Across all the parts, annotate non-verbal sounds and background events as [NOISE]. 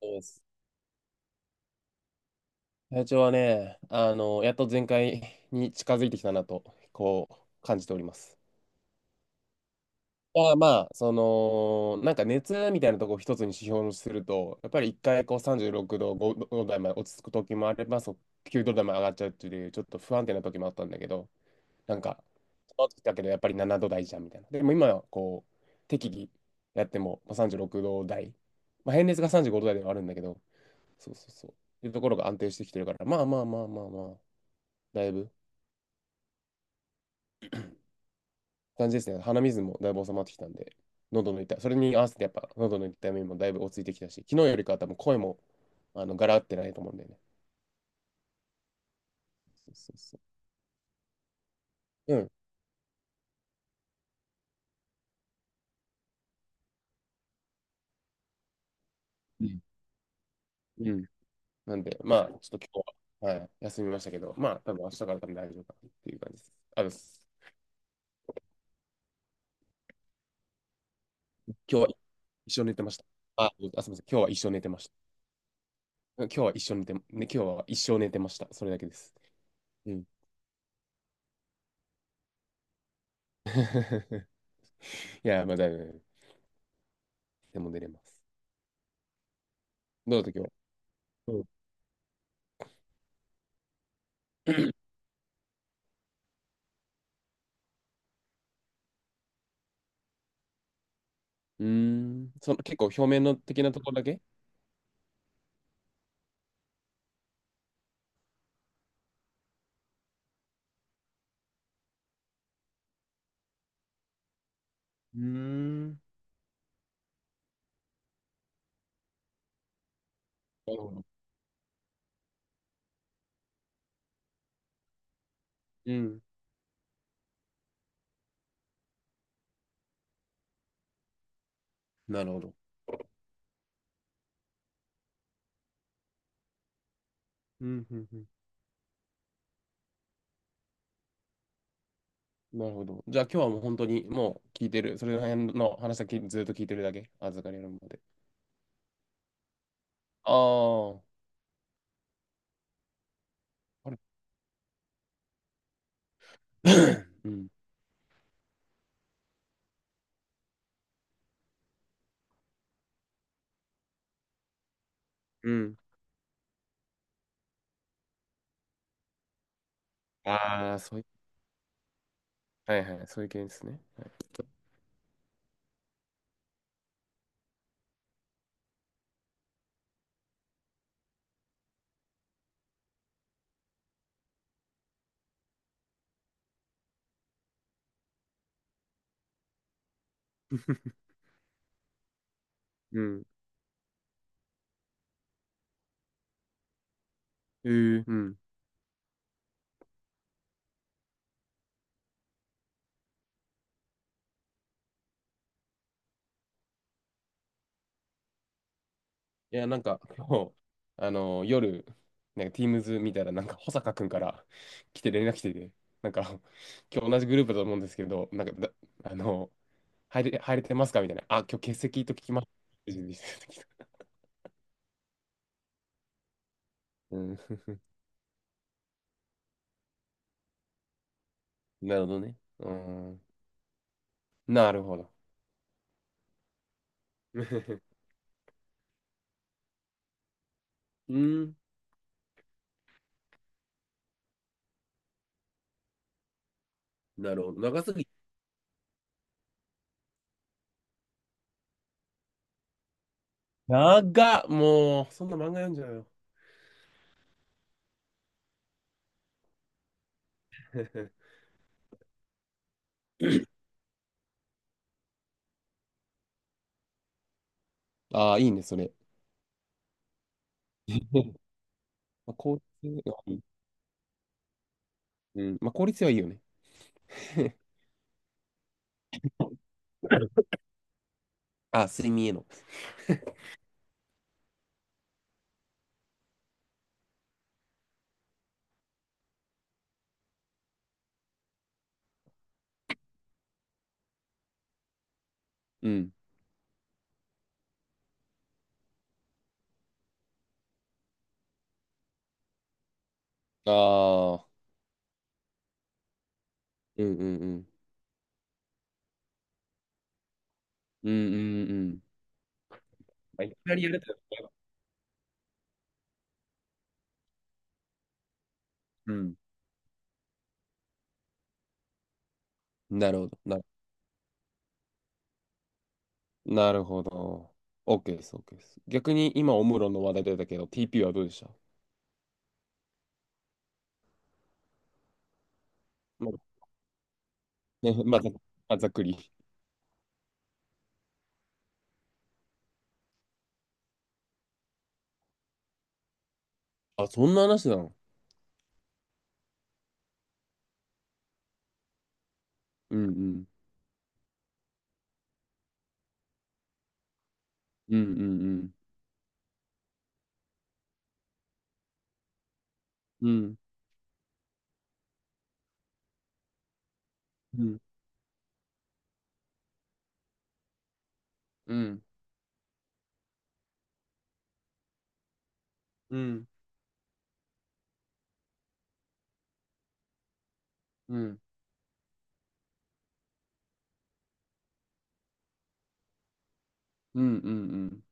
そうです。体調はね、やっと全開に近づいてきたなと、こう、感じております。まあまあ、なんか熱みたいなとこを一つに指標にすると、やっぱり一回こう36度、5度台まで落ち着く時もあれば、そう9度台まで上がっちゃうっていう、ちょっと不安定な時もあったんだけど、なんか、その時だけどやっぱり7度台じゃんみたいな。でも今はこう、適宜やってもまあ36度台、まあ、平熱が35度台ではあるんだけど、そうそうそう。っていうところが安定してきてるから、まあまあまあまあまあ、だいぶ、感じですね。鼻水もだいぶ収まってきたんで、喉の痛い、それに合わせてやっぱ喉の痛みもだいぶ落ち着いてきたし、昨日よりかは多分声もガラってないと思うんだよね。そうそうそう。うんうんうん。なんで、まあ、ちょっと今日は、はい、休みましたけど、まあ、多分明日から多分大丈夫かなっていう感じです。あです。今日は一生寝てました。あ、あ、すみません。今日は一生寝てました。今日は一生寝て、ね、今日は一生寝てました。それだけです。うん。[LAUGHS] いや、まあ、だいぶ、でも寝れます。どうだった今日は。うん。うーん。その結構表面の的なところだけ。うーん。なるほど。うん。なるほど。うん、うん、うん。なるほど。じゃあ今日はもう本当にもう聞いてる。それら辺の話だけずっと聞いてるだけ。預かりのままで。ああ。あれ。 [COUGHS] うん。うん。ああ、そういう。はいはい。そういう系ですね。はい。[LAUGHS] うん。えー、うん。いや、なんか、今日、あの夜、なんか Teams 見たら、なんか、保坂くんから来て連絡来てて、なんか、[LAUGHS] 今日同じグループだと思うんですけど、なんかだ、あの入れてますかみたいな。あ、今日欠席と聞きます。うん。[LAUGHS] なるほどね。うん、なるほど。[LAUGHS] うん、なるほど。長すぎ。長っ、もう、そんな漫画読んじゃうよ。[LAUGHS] ああ、いいね、それ。[LAUGHS] まあ、効率、うん、まあ、効率はいいよね。[LAUGHS] あ、睡眠への。うん。ああ、うんうんうん。うんうんうん。まあ、いきなりやると、うん。なるほど。なるほど。OK です、OK です。逆に今、オムロンの話題出たけど、TP はどうでした？まあ、ね、まあ、ざっくり。あ、そんな話なの？うんうん。うんうんうん。うんうんうん。うんうんうん。うん。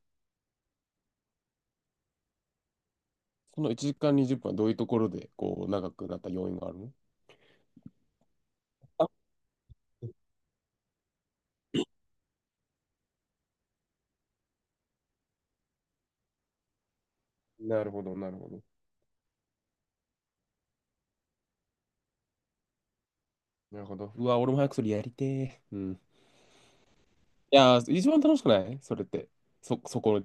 その1時間20分はどういうところで、こう、長くなった要因があるの？あ、なるほど、なるほど。なるほど。うわ、俺も早くそれやりてー。うん。いやー、一番楽しくないそれって。そこ、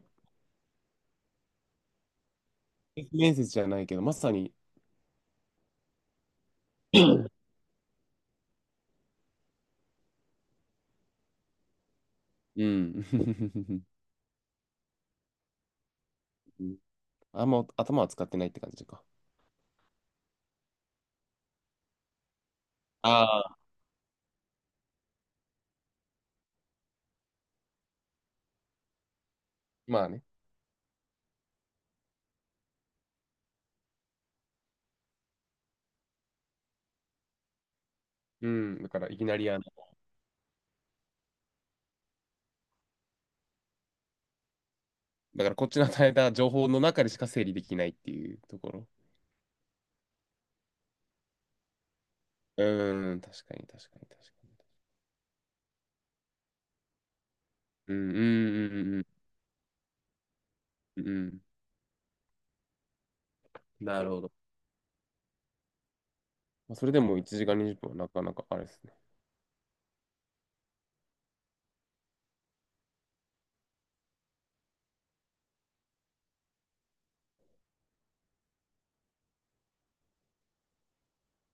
面接じゃないけど、まさに。うん。[LAUGHS] あんま頭は使ってないって感じか。ああ。まあね。うん。だから、いきなりだからこっちの与えた情報の中でしか整理できないっていうところ。うん、確かに、確かに、確かに。うん、うん、うん、うん、うん。うん。なるほど。まあ、それでも1時間20分はなかなかあれですね。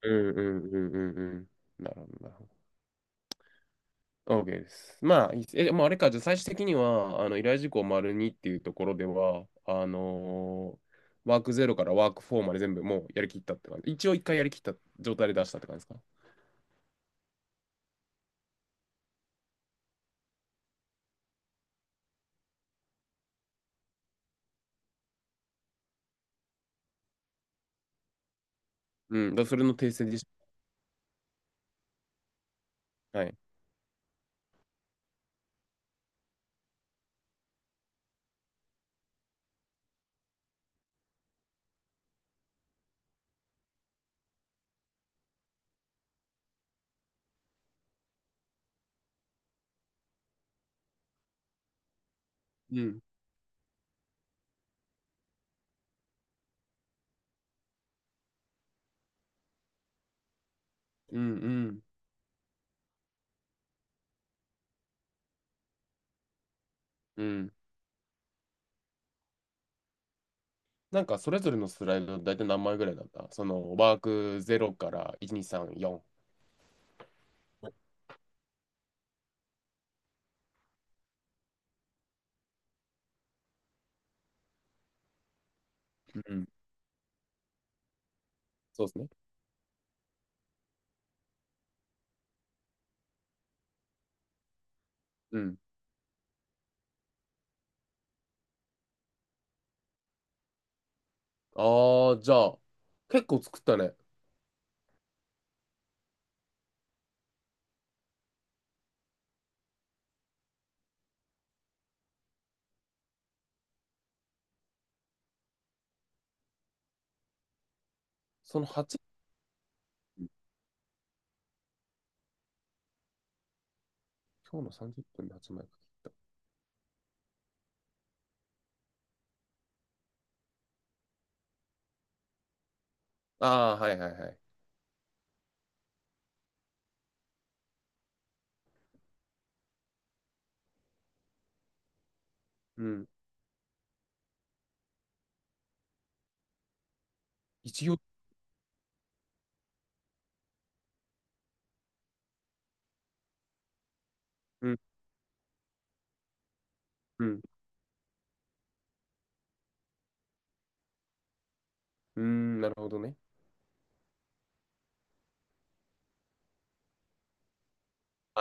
うん、うん、うん、うん、うん。なるほど、なるほど。OK です。まあ、いいっすえ、まあ、あれか、じゃあ最終的には、依頼事項丸2っていうところでは、ワークゼロからワークフォーまで全部もうやりきったって感じ。一応一回やりきった状態で出したって感じですか？うん、だからそれの訂正でした。はい。うん、うん、うん、うん。なんか、それぞれのスライド、大体何枚ぐらいだったワークゼロから1、2、3、4。うん、そうですね。うん。ああ、じゃあ、結構作ったね。その8、今日の30分で8枚た。ああ、はいはいはい。うん。一行うん。うん。うーん。なるほどね。